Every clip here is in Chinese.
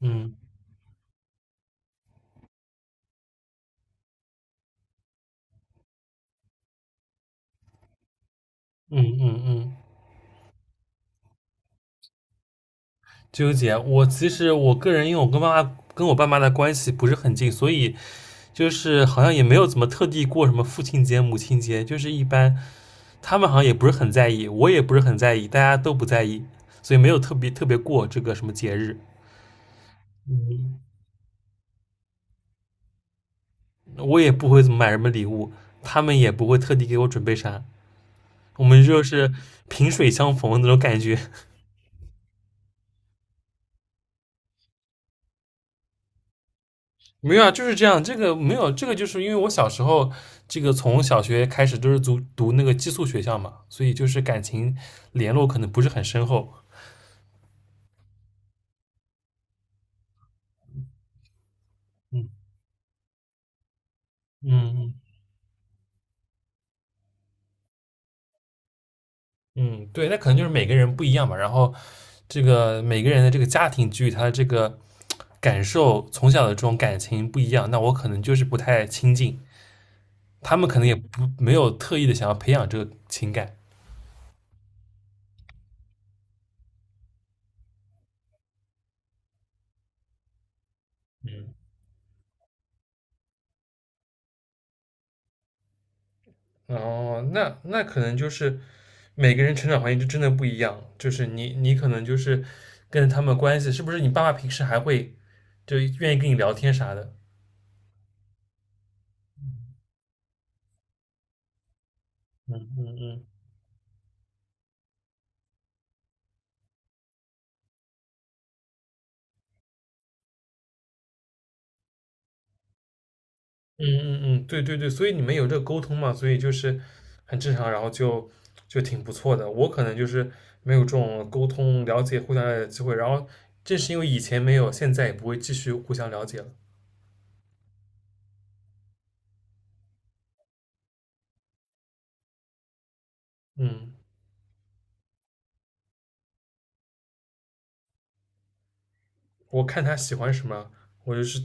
嗯嗯嗯嗯，纠结。其实我个人，因为我跟我爸妈的关系不是很近，所以就是好像也没有怎么特地过什么父亲节、母亲节，就是一般他们好像也不是很在意，我也不是很在意，大家都不在意，所以没有特别特别过这个什么节日。我也不会怎么买什么礼物，他们也不会特地给我准备啥，我们就是萍水相逢的那种感觉。没有啊，就是这样。这个没有，这个就是因为我小时候，这个从小学开始都是读那个寄宿学校嘛，所以就是感情联络可能不是很深厚。嗯嗯嗯嗯，对，那可能就是每个人不一样嘛。然后这个每个人的这个家庭给予他的这个感受，从小的这种感情不一样，那我可能就是不太亲近，他们可能也不没有特意的想要培养这个情感。哦，那可能就是每个人成长环境就真的不一样，就是你可能就是跟他们关系，是不是你爸爸平时还会就愿意跟你聊天啥的？嗯嗯嗯嗯嗯嗯，对对对，所以你们有这个沟通嘛，所以就是很正常，然后就挺不错的。我可能就是没有这种沟通、了解、互相了解的机会，然后正是因为以前没有，现在也不会继续互相了解了。嗯，我看他喜欢什么，我就是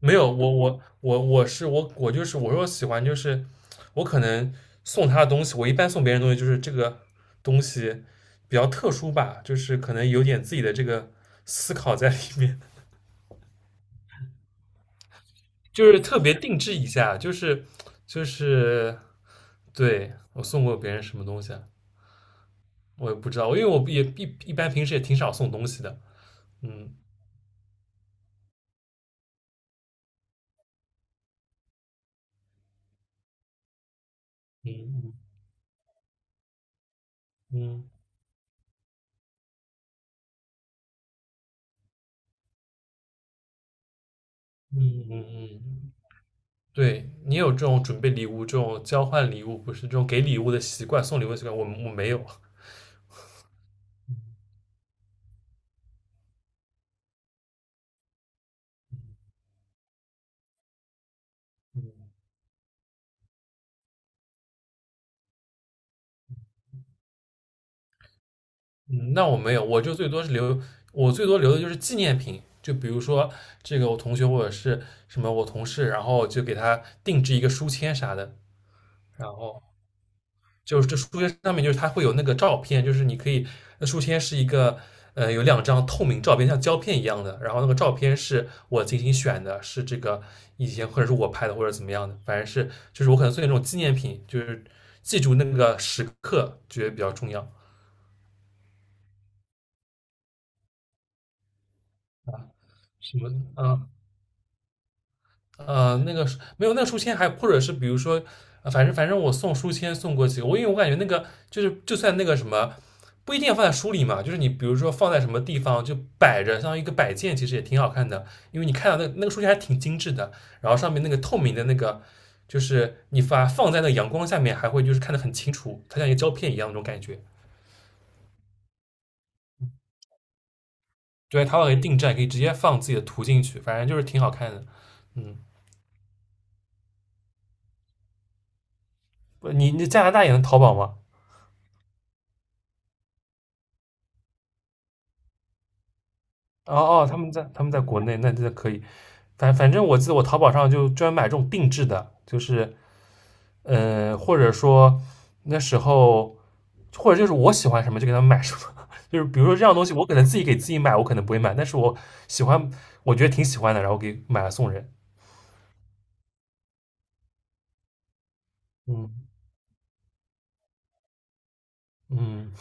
没有，我是我就是我说喜欢就是我可能送他的东西，我一般送别人的东西就是这个东西比较特殊吧，就是可能有点自己的这个思考在里面，就是特别定制一下，就是就是对我送过别人什么东西啊，我也不知道，因为我也一般平时也挺少送东西的，嗯嗯嗯嗯嗯嗯嗯，嗯对你有这种准备礼物、这种交换礼物，不是这种给礼物的习惯、送礼物的习惯，我没有。嗯嗯，那我没有，我就最多是留，我最多留的就是纪念品，就比如说这个我同学或者是什么我同事，然后就给他定制一个书签啥的，然后就是这书签上面就是它会有那个照片，就是你可以，那书签是一个有两张透明照片，像胶片一样的，然后那个照片是我精心选的，是这个以前或者是我拍的或者怎么样的，反正是就是我可能做那种纪念品，就是记住那个时刻觉得比较重要。什么？嗯那个书没有那个书签还，或者是比如说，反正我送书签送过几个，我因为我感觉那个就是就算那个什么，不一定要放在书里嘛，就是你比如说放在什么地方就摆着，像一个摆件，其实也挺好看的，因为你看到那个书签还挺精致的，然后上面那个透明的那个，就是你把放在那个阳光下面，还会就是看得很清楚，它像一个胶片一样那种感觉。对，淘宝可以定制，可以直接放自己的图进去，反正就是挺好看的。嗯，不你加拿大也能淘宝吗？哦哦，他们在国内，那这可以。反正我记得我淘宝上就专门买这种定制的，就是或者说那时候，或者就是我喜欢什么就给他们买什么。就是比如说这样东西，我可能自己给自己买，我可能不会买，但是我喜欢，我觉得挺喜欢的，然后给买了送人。嗯嗯。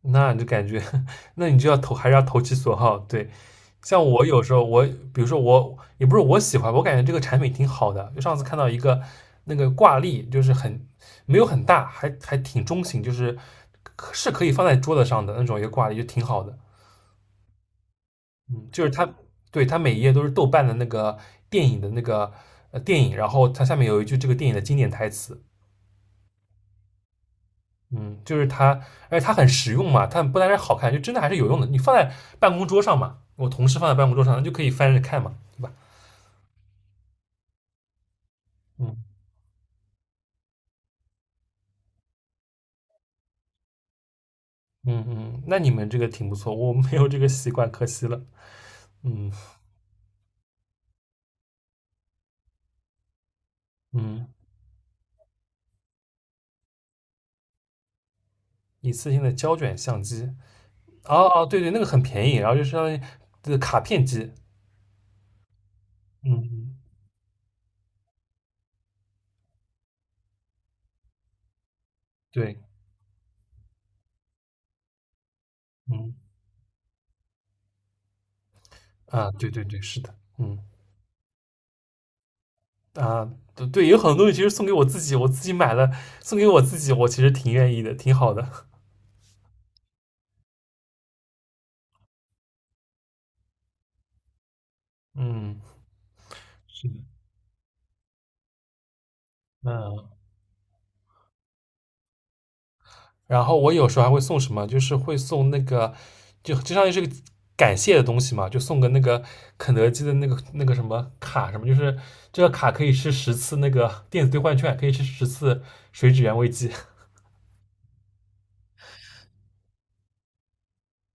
那你就感觉，那你就要投，还是要投其所好。对，像我有时候我，比如说我，也不是我喜欢，我感觉这个产品挺好的。就上次看到一个那个挂历，就是很没有很大，还挺中型，就是可是可以放在桌子上的那种一个挂历，就挺好的。嗯，就是它，对，它每一页都是豆瓣的那个电影的那个电影，然后它下面有一句这个电影的经典台词，嗯，就是它，而且它很实用嘛，它不单是好看，就真的还是有用的。你放在办公桌上嘛，我同事放在办公桌上，那就可以翻着看嘛，对吧？嗯嗯嗯，那你们这个挺不错，我没有这个习惯，可惜了。嗯嗯，一次性的胶卷相机，哦哦，对对，那个很便宜，然后就相当于这个卡片机。嗯嗯，对，嗯啊，对对对，是的，嗯啊，对对，有很多东西其实送给我自己，我自己买了，送给我自己，我其实挺愿意的，挺好的。嗯，是的，嗯。然后我有时候还会送什么，就是会送那个，就相当于是个感谢的东西嘛，就送个那个肯德基的那个什么卡什么，就是这个卡可以吃十次那个电子兑换券，可以吃十次水煮原味鸡。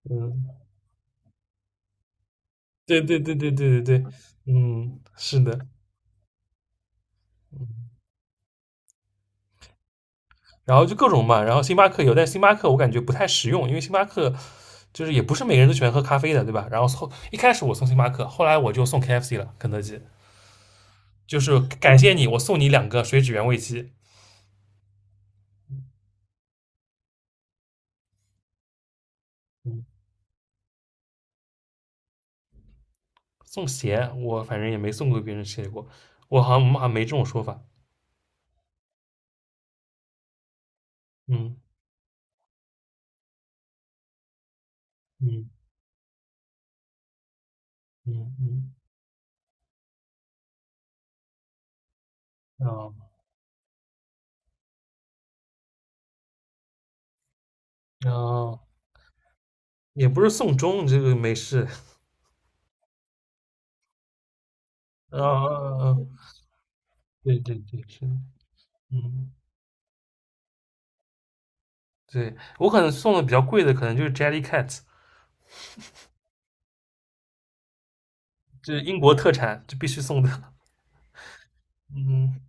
嗯，对对对对对对对，嗯，是的，嗯，然后就各种嘛，然后星巴克有，但星巴克我感觉不太实用，因为星巴克就是也不是每个人都喜欢喝咖啡的，对吧？然后一开始我送星巴克，后来我就送 KFC 了，肯德基。就是感谢你，我送你两个水煮原味鸡。嗯，送鞋我反正也没送过别人鞋过，我好像我们好像没这种说法。嗯嗯嗯嗯，哦哦，也不是送钟，这个没事。啊啊啊！对对对，是，嗯，对我可能送的比较贵的，可能就是 Jellycat，就是英国特产，就必须送的。嗯，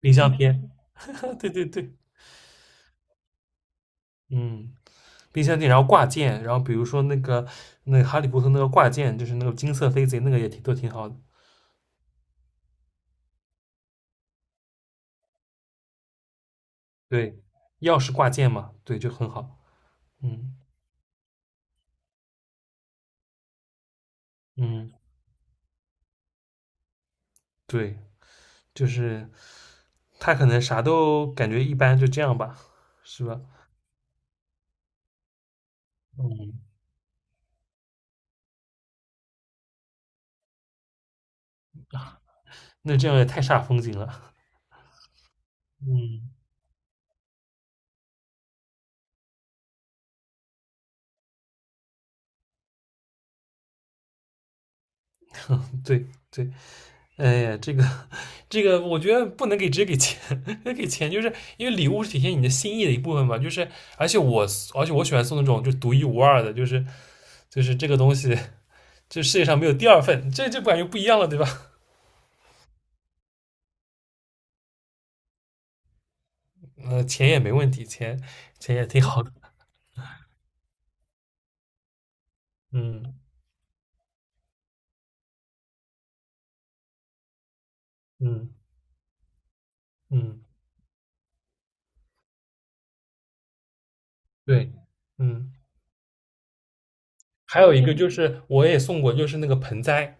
冰箱贴。对对对，嗯，冰箱店，然后挂件，然后比如说那个哈利波特那个挂件，就是那个金色飞贼，那个也挺都挺好的。对，钥匙挂件嘛，对，就很好。嗯嗯，对，就是他可能啥都感觉一般，就这样吧，是吧？嗯，那这样也太煞风景了。嗯，对对，哎呀，这个，我觉得不能给直接给钱，给钱就是因为礼物是体现你的心意的一部分嘛。就是而且我而且我喜欢送那种就独一无二的，就是就是这个东西这世界上没有第二份，这感觉不一样了，对吧？钱也没问题，钱也挺好的，嗯嗯嗯，对，嗯，还有一个就是我也送过，就是那个盆栽，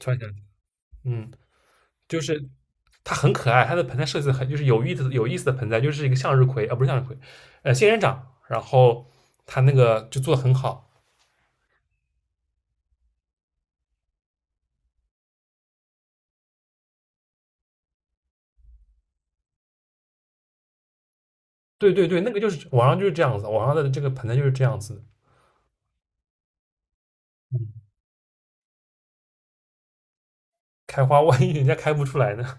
突然想起，嗯，就是它很可爱，它的盆栽设计得很就是有意思的盆栽，就是一个向日葵啊，不是向日葵，仙人掌，然后它那个就做的很好，对对对，那个就是网上就是这样子，网上的这个盆栽就是这样子的嗯，开花万一人家开不出来呢，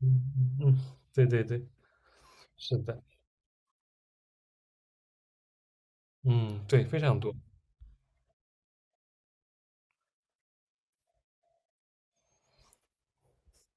嗯嗯嗯，对对对。是的，嗯，对，非常多。